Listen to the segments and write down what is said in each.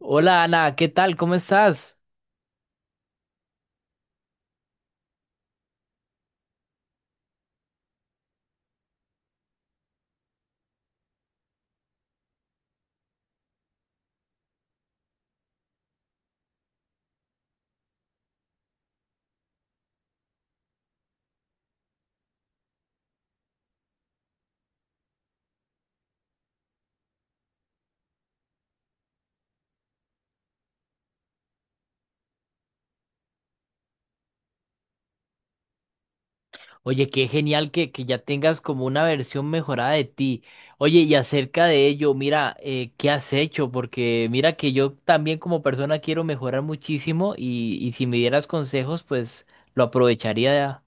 Hola Ana, ¿qué tal? ¿Cómo estás? Oye, qué genial que ya tengas como una versión mejorada de ti. Oye, y acerca de ello, mira, ¿qué has hecho? Porque mira que yo también como persona quiero mejorar muchísimo y si me dieras consejos, pues lo aprovecharía.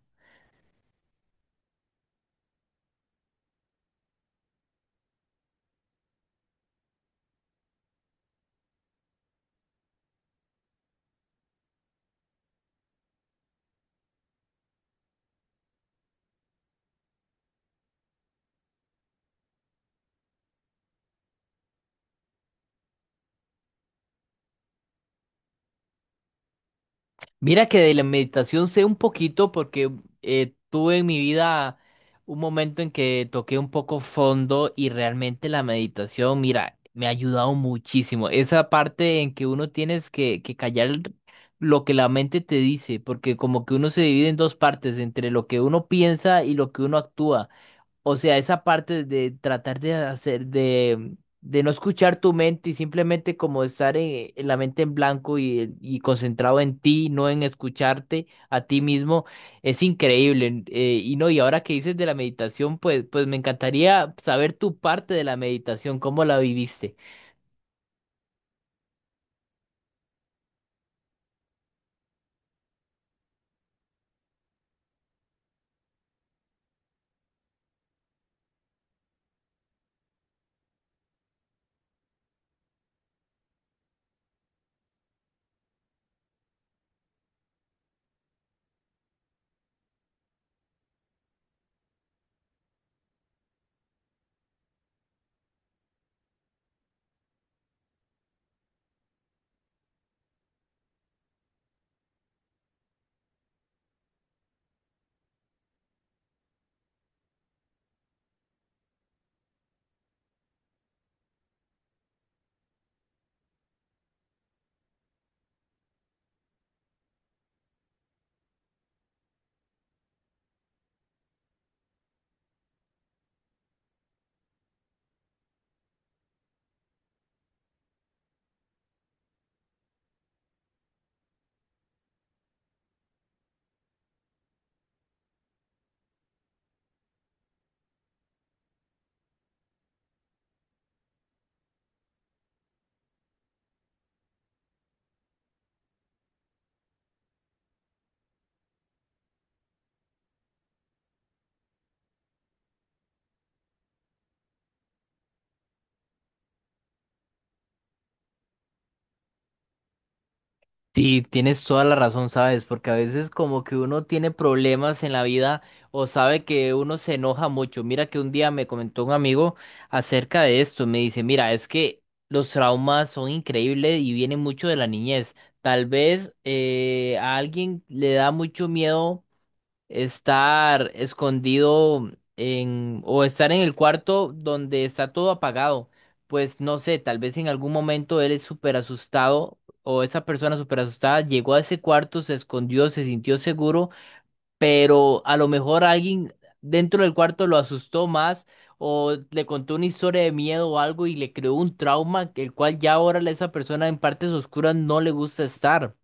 Mira que de la meditación sé un poquito porque tuve en mi vida un momento en que toqué un poco fondo y realmente la meditación, mira, me ha ayudado muchísimo. Esa parte en que uno tienes que callar lo que la mente te dice, porque como que uno se divide en dos partes, entre lo que uno piensa y lo que uno actúa. O sea, esa parte de tratar de hacer, de no escuchar tu mente y simplemente como estar en la mente en blanco y concentrado en ti, no en escucharte a ti mismo, es increíble. Y no, y ahora que dices de la meditación, pues me encantaría saber tu parte de la meditación, cómo la viviste. Sí, tienes toda la razón, ¿sabes? Porque a veces como que uno tiene problemas en la vida o sabe que uno se enoja mucho. Mira que un día me comentó un amigo acerca de esto. Me dice, mira, es que los traumas son increíbles y vienen mucho de la niñez. Tal vez a alguien le da mucho miedo estar escondido en o estar en el cuarto donde está todo apagado. Pues no sé, tal vez en algún momento él es súper asustado o esa persona súper asustada llegó a ese cuarto, se escondió, se sintió seguro, pero a lo mejor alguien dentro del cuarto lo asustó más o le contó una historia de miedo o algo y le creó un trauma, el cual ya ahora a esa persona en partes oscuras no le gusta estar.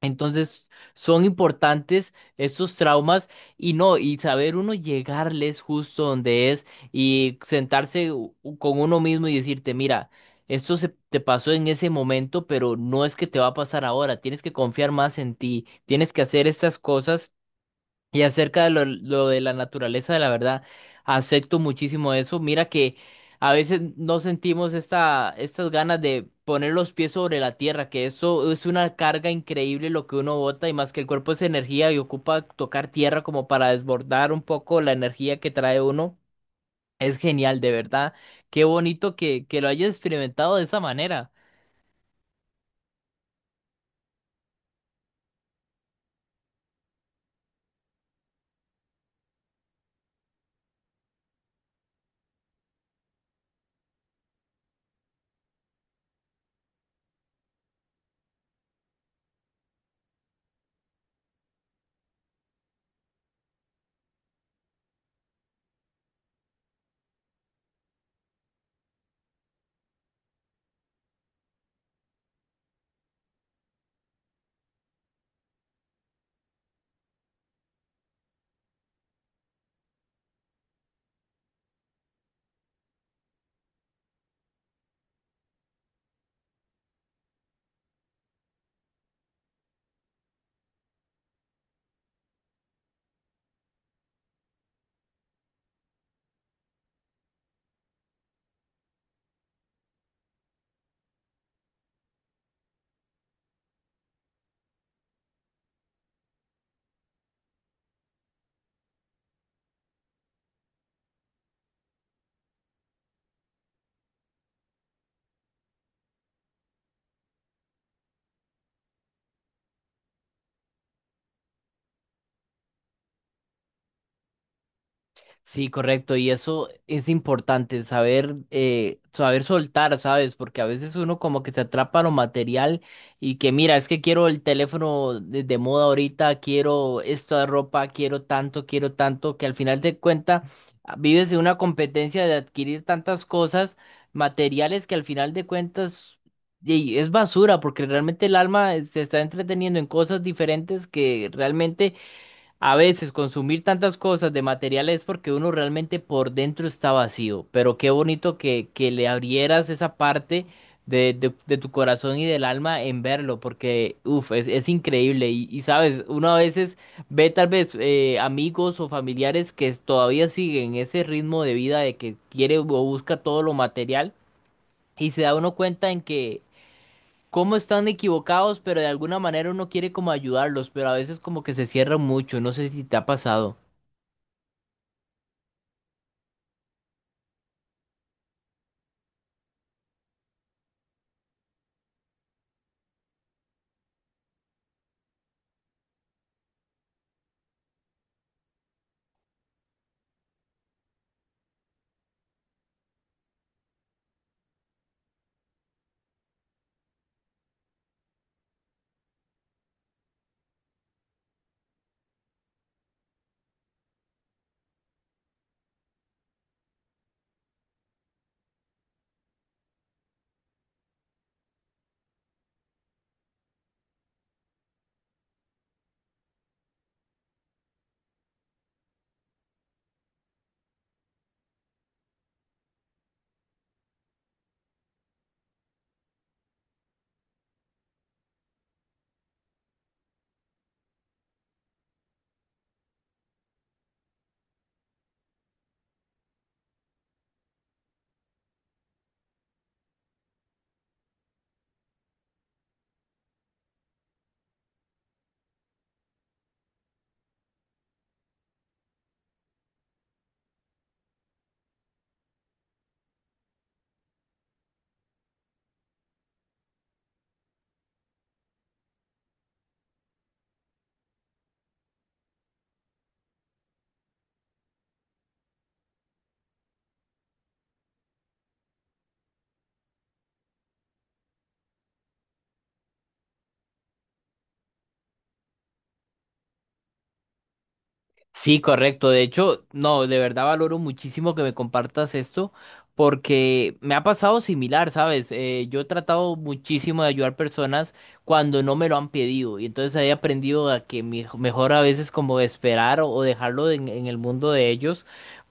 Entonces son importantes estos traumas y no, y saber uno llegarles justo donde es y sentarse con uno mismo y decirte, mira, esto se te pasó en ese momento, pero no es que te va a pasar ahora, tienes que confiar más en ti, tienes que hacer estas cosas y acerca de lo de la naturaleza, de la verdad, acepto muchísimo eso. Mira que a veces no sentimos estas ganas de poner los pies sobre la tierra, que eso es una carga increíble lo que uno bota, y más que el cuerpo es energía y ocupa tocar tierra como para desbordar un poco la energía que trae uno. Es genial, de verdad. Qué bonito que lo hayas experimentado de esa manera. Sí, correcto, y eso es importante, saber, saber soltar, ¿sabes? Porque a veces uno como que se atrapa a lo material y que mira, es que quiero el teléfono de moda ahorita, quiero esta ropa, quiero tanto, que al final de cuentas vives en una competencia de adquirir tantas cosas materiales que al final de cuentas y es basura, porque realmente el alma se está entreteniendo en cosas diferentes que realmente a veces consumir tantas cosas de materiales es porque uno realmente por dentro está vacío, pero qué bonito que le abrieras esa parte de tu corazón y del alma en verlo, porque uff, es increíble. Y, sabes, uno a veces ve tal vez amigos o familiares que todavía siguen ese ritmo de vida de que quiere o busca todo lo material y se da uno cuenta en que cómo están equivocados, pero de alguna manera uno quiere como ayudarlos, pero a veces como que se cierran mucho, no sé si te ha pasado. Sí, correcto. De hecho, no, de verdad valoro muchísimo que me compartas esto porque me ha pasado similar, ¿sabes? Yo he tratado muchísimo de ayudar personas cuando no me lo han pedido y entonces he aprendido a que mejor a veces como esperar o dejarlo en el mundo de ellos,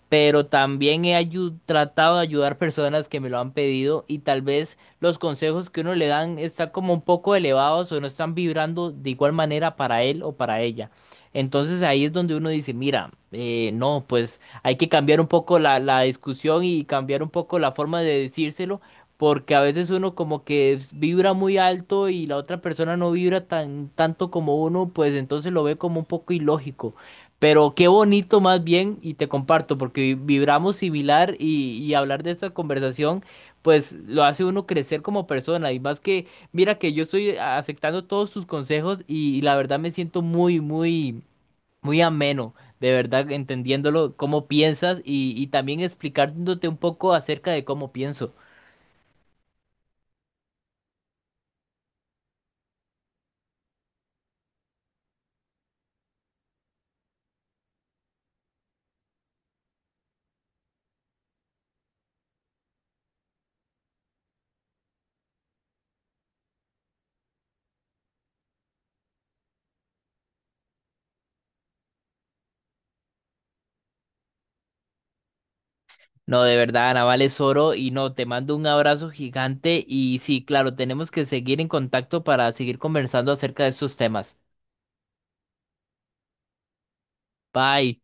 pero también he tratado de ayudar personas que me lo han pedido y tal vez los consejos que uno le dan están como un poco elevados o no están vibrando de igual manera para él o para ella. Entonces ahí es donde uno dice, mira, no, pues hay que cambiar un poco la discusión y cambiar un poco la forma de decírselo, porque a veces uno como que vibra muy alto y la otra persona no vibra tan tanto como uno, pues entonces lo ve como un poco ilógico. Pero qué bonito más bien, y te comparto, porque vibramos similar y hablar de esta conversación, pues lo hace uno crecer como persona. Y más que, mira que yo estoy aceptando todos tus consejos y la verdad me siento muy, muy, muy ameno, de verdad, entendiéndolo, cómo piensas y también explicándote un poco acerca de cómo pienso. No, de verdad, Ana, vales oro y no, te mando un abrazo gigante y sí, claro, tenemos que seguir en contacto para seguir conversando acerca de estos temas. Bye.